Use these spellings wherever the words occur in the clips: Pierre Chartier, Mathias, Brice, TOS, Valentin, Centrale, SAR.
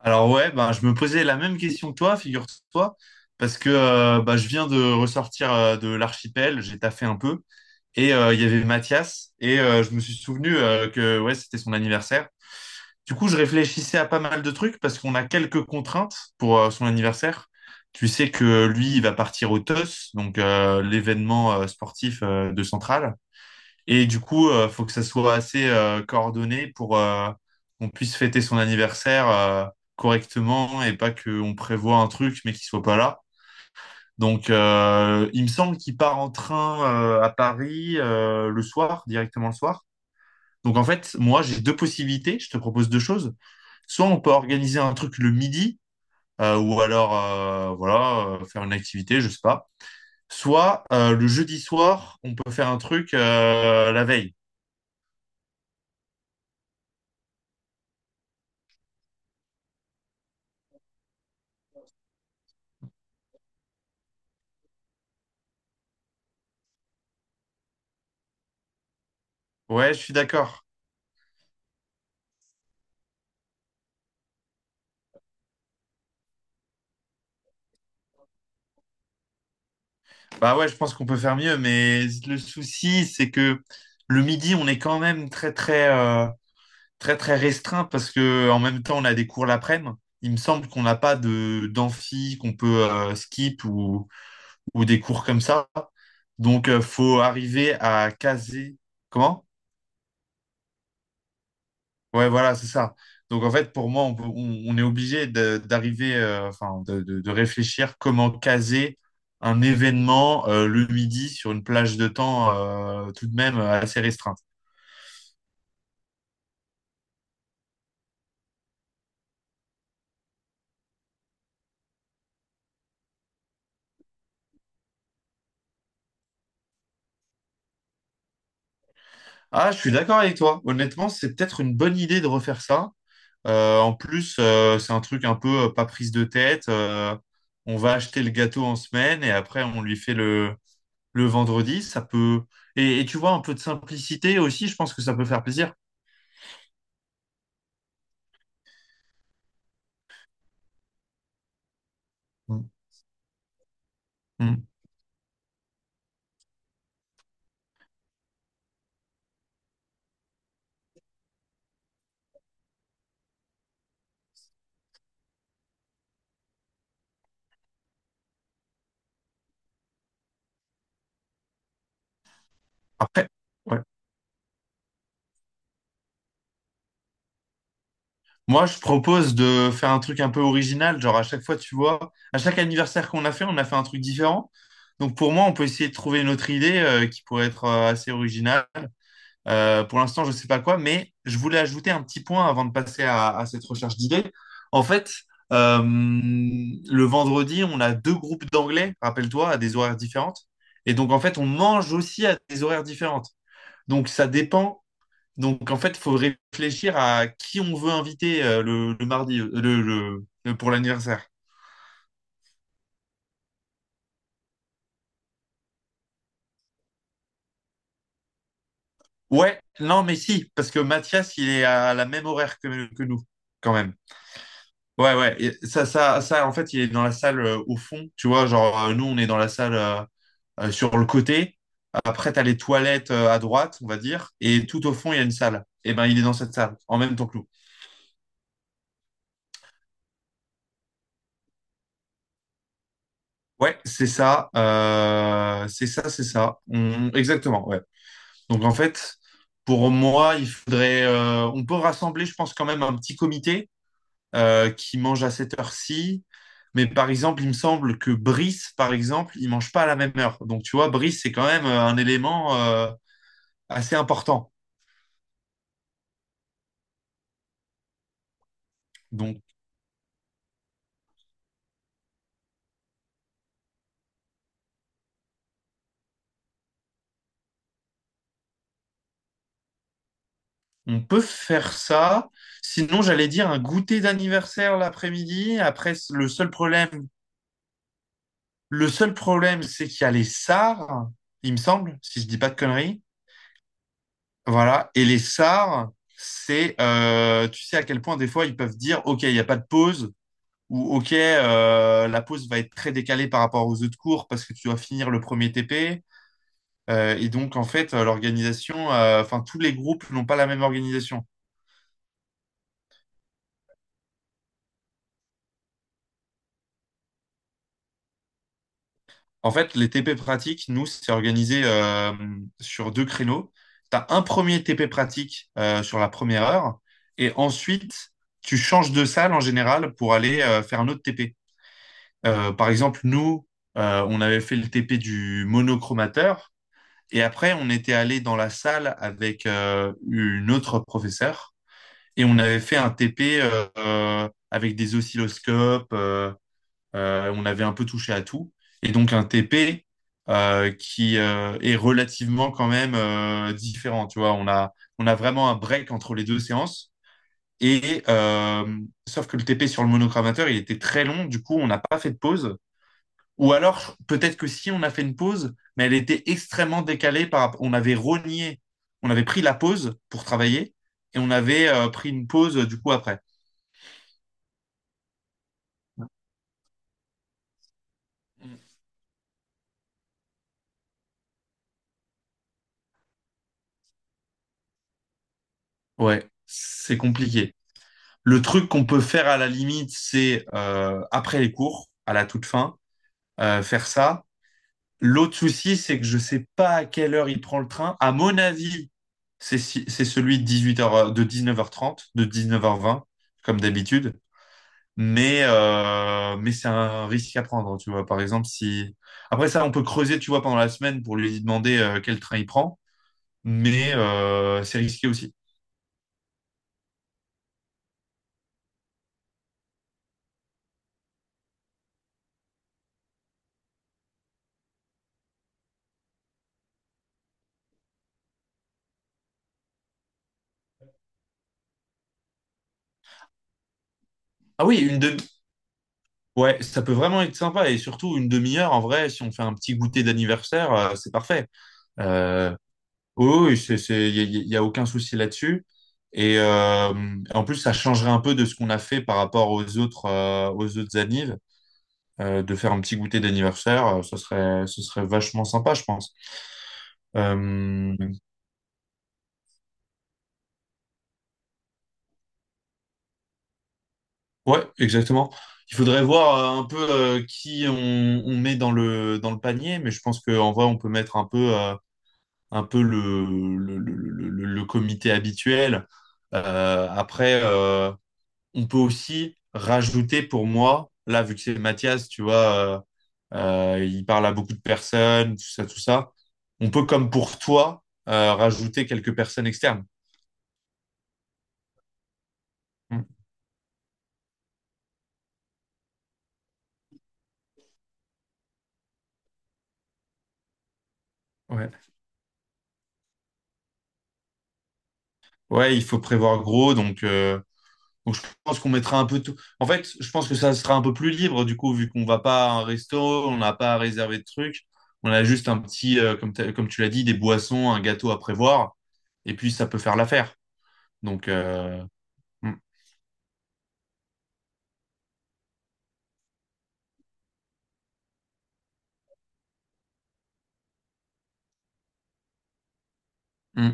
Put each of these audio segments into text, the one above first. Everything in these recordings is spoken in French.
Alors ouais, bah, je me posais la même question que toi, figure-toi, parce que, je viens de ressortir de l'archipel, j'ai taffé un peu, et il y avait Mathias, et je me suis souvenu que ouais, c'était son anniversaire. Du coup, je réfléchissais à pas mal de trucs, parce qu'on a quelques contraintes pour son anniversaire. Tu sais que lui, il va partir au TOS, donc l'événement sportif de Centrale. Et du coup, faut que ça soit assez coordonné pour qu'on puisse fêter son anniversaire correctement et pas qu'on prévoit un truc mais qu'il soit pas là. Donc, il me semble qu'il part en train à Paris le soir, directement le soir. Donc, en fait, moi, j'ai deux possibilités. Je te propose deux choses. Soit on peut organiser un truc le midi, ou alors, voilà, faire une activité, je sais pas. Soit le jeudi soir, on peut faire un truc la veille. Ouais, je suis d'accord. Bah ouais, je pense qu'on peut faire mieux, mais le souci, c'est que le midi, on est quand même très très très très restreint parce que en même temps, on a des cours l'après-midi. Il me semble qu'on n'a pas de d'amphi qu'on peut skip ou des cours comme ça. Donc faut arriver à caser. Comment? Ouais, voilà, c'est ça. Donc, en fait, pour moi, on est obligé d'arriver, enfin, de réfléchir comment caser un événement le midi sur une plage de temps tout de même assez restreinte. Ah, je suis d'accord avec toi. Honnêtement, c'est peut-être une bonne idée de refaire ça. En plus, c'est un truc un peu pas prise de tête. On va acheter le gâteau en semaine et après, on lui fait le vendredi. Ça peut... et tu vois, un peu de simplicité aussi, je pense que ça peut faire plaisir. Mm. Mm. Après, ouais. Moi, je propose de faire un truc un peu original. Genre, à chaque fois, tu vois, à chaque anniversaire qu'on a fait, on a fait un truc différent. Donc, pour moi, on peut essayer de trouver une autre idée qui pourrait être assez originale. Pour l'instant, je ne sais pas quoi, mais je voulais ajouter un petit point avant de passer à cette recherche d'idées. En fait, le vendredi, on a deux groupes d'anglais, rappelle-toi, à des horaires différentes. Et donc, en fait, on mange aussi à des horaires différentes. Donc, ça dépend. Donc, en fait, il faut réfléchir à qui on veut inviter le mardi, pour l'anniversaire. Ouais, non, mais si, parce que Mathias, il est à la même horaire que nous, quand même. Ouais, ouais, et ça, en fait, il est dans la salle au fond, tu vois, genre, nous, on est dans la salle sur le côté. Après, t'as les toilettes à droite, on va dire, et tout au fond, il y a une salle. Et ben, il est dans cette salle, en même temps que nous. Ouais, c'est ça, c'est ça. On- Exactement, ouais. Donc en fait, pour moi, il faudrait, on peut rassembler, je pense, quand même un petit comité qui mange à cette heure-ci. Mais par exemple, il me semble que Brice, par exemple, il mange pas à la même heure. Donc tu vois, Brice, c'est quand même un élément assez important. Donc on peut faire ça. Sinon, j'allais dire un goûter d'anniversaire l'après-midi. Après, le seul problème, c'est qu'il y a les SAR, il me semble, si je dis pas de conneries. Voilà. Et les SAR, c'est tu sais à quel point des fois ils peuvent dire, OK, il n'y a pas de pause, ou OK, la pause va être très décalée par rapport aux autres cours parce que tu dois finir le premier TP. Et donc, en fait, l'organisation, enfin, tous les groupes n'ont pas la même organisation. En fait, les TP pratiques, nous, c'est organisé sur deux créneaux. Tu as un premier TP pratique sur la première heure, et ensuite, tu changes de salle en général pour aller faire un autre TP. Par exemple, nous, on avait fait le TP du monochromateur et après, on était allé dans la salle avec une autre professeure et on avait fait un TP avec des oscilloscopes. On avait un peu touché à tout. Et donc, un TP qui est relativement quand même différent. Tu vois, on a vraiment un break entre les deux séances. Et euh, Sauf que le TP sur le monochromateur, il était très long. Du coup, on n'a pas fait de pause. Ou alors, peut-être que si on a fait une pause, mais elle était extrêmement décalée par... On avait rogné, on avait pris la pause pour travailler et on avait pris une pause du coup après. Ouais, c'est compliqué. Le truc qu'on peut faire à la limite, c'est après les cours, à la toute fin, faire ça. L'autre souci, c'est que je sais pas à quelle heure il prend le train. À mon avis, c'est si- c'est celui de 18h, de 19h30, de 19h20, comme d'habitude. Mais c'est un risque à prendre, tu vois. Par exemple, si... Après ça, on peut creuser, tu vois, pendant la semaine pour lui demander quel train il prend, mais c'est risqué aussi. Ah oui, une demi... Ouais, ça peut vraiment être sympa. Et surtout, une demi-heure, en vrai, si on fait un petit goûter d'anniversaire, c'est parfait. Euh, oui, oui, c'est... il y a, y a aucun souci là-dessus. Et euh, En plus, ça changerait un peu de ce qu'on a fait par rapport aux autres annives. De faire un petit goûter d'anniversaire, ce serait vachement sympa, je pense. Euh, ouais, exactement. Il faudrait voir un peu qui on met dans le panier, mais je pense qu'en vrai, on peut mettre un peu le comité habituel. Après, on peut aussi rajouter pour moi, là, vu que c'est Mathias, tu vois, euh, il parle à beaucoup de personnes, tout ça, tout ça. On peut, comme pour toi, rajouter quelques personnes externes. Mm. Ouais. Ouais, il faut prévoir gros, donc je pense qu'on mettra un peu tout. En fait, je pense que ça sera un peu plus libre, du coup, vu qu'on va pas à un resto, on n'a pas à réserver de trucs. On a juste un petit, comme, comme tu l'as dit, des boissons, un gâteau à prévoir, et puis ça peut faire l'affaire. Donc, euh, mm, mm.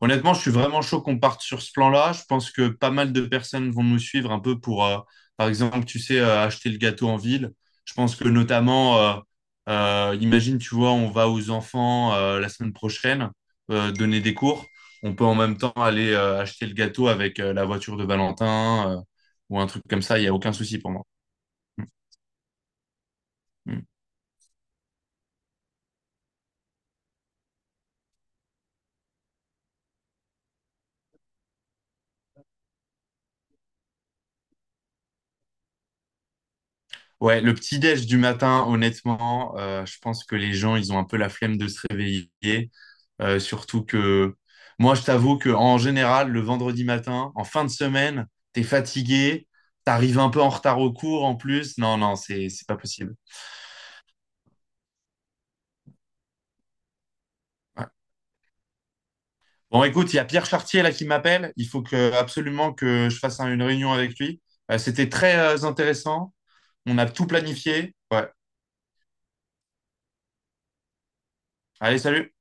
Honnêtement, je suis vraiment chaud qu'on parte sur ce plan-là. Je pense que pas mal de personnes vont nous suivre un peu pour, par exemple, tu sais, acheter le gâteau en ville. Je pense que notamment, imagine, tu vois, on va aux enfants la semaine prochaine donner des cours. On peut en même temps aller acheter le gâteau avec la voiture de Valentin ou un truc comme ça. Il n'y a aucun souci pour moi. Mm. Mm. Ouais, le petit déj du matin, honnêtement, je pense que les gens, ils ont un peu la flemme de se réveiller. Surtout que moi, je t'avoue que en général, le vendredi matin, en fin de semaine, t'es fatigué, t'arrives un peu en retard au cours en plus. Non, non, c'est pas possible. Ouais. Bon, écoute, il y a Pierre Chartier là qui m'appelle. Il faut que absolument que je fasse une réunion avec lui. C'était très intéressant. On a tout planifié. Ouais. Allez, salut.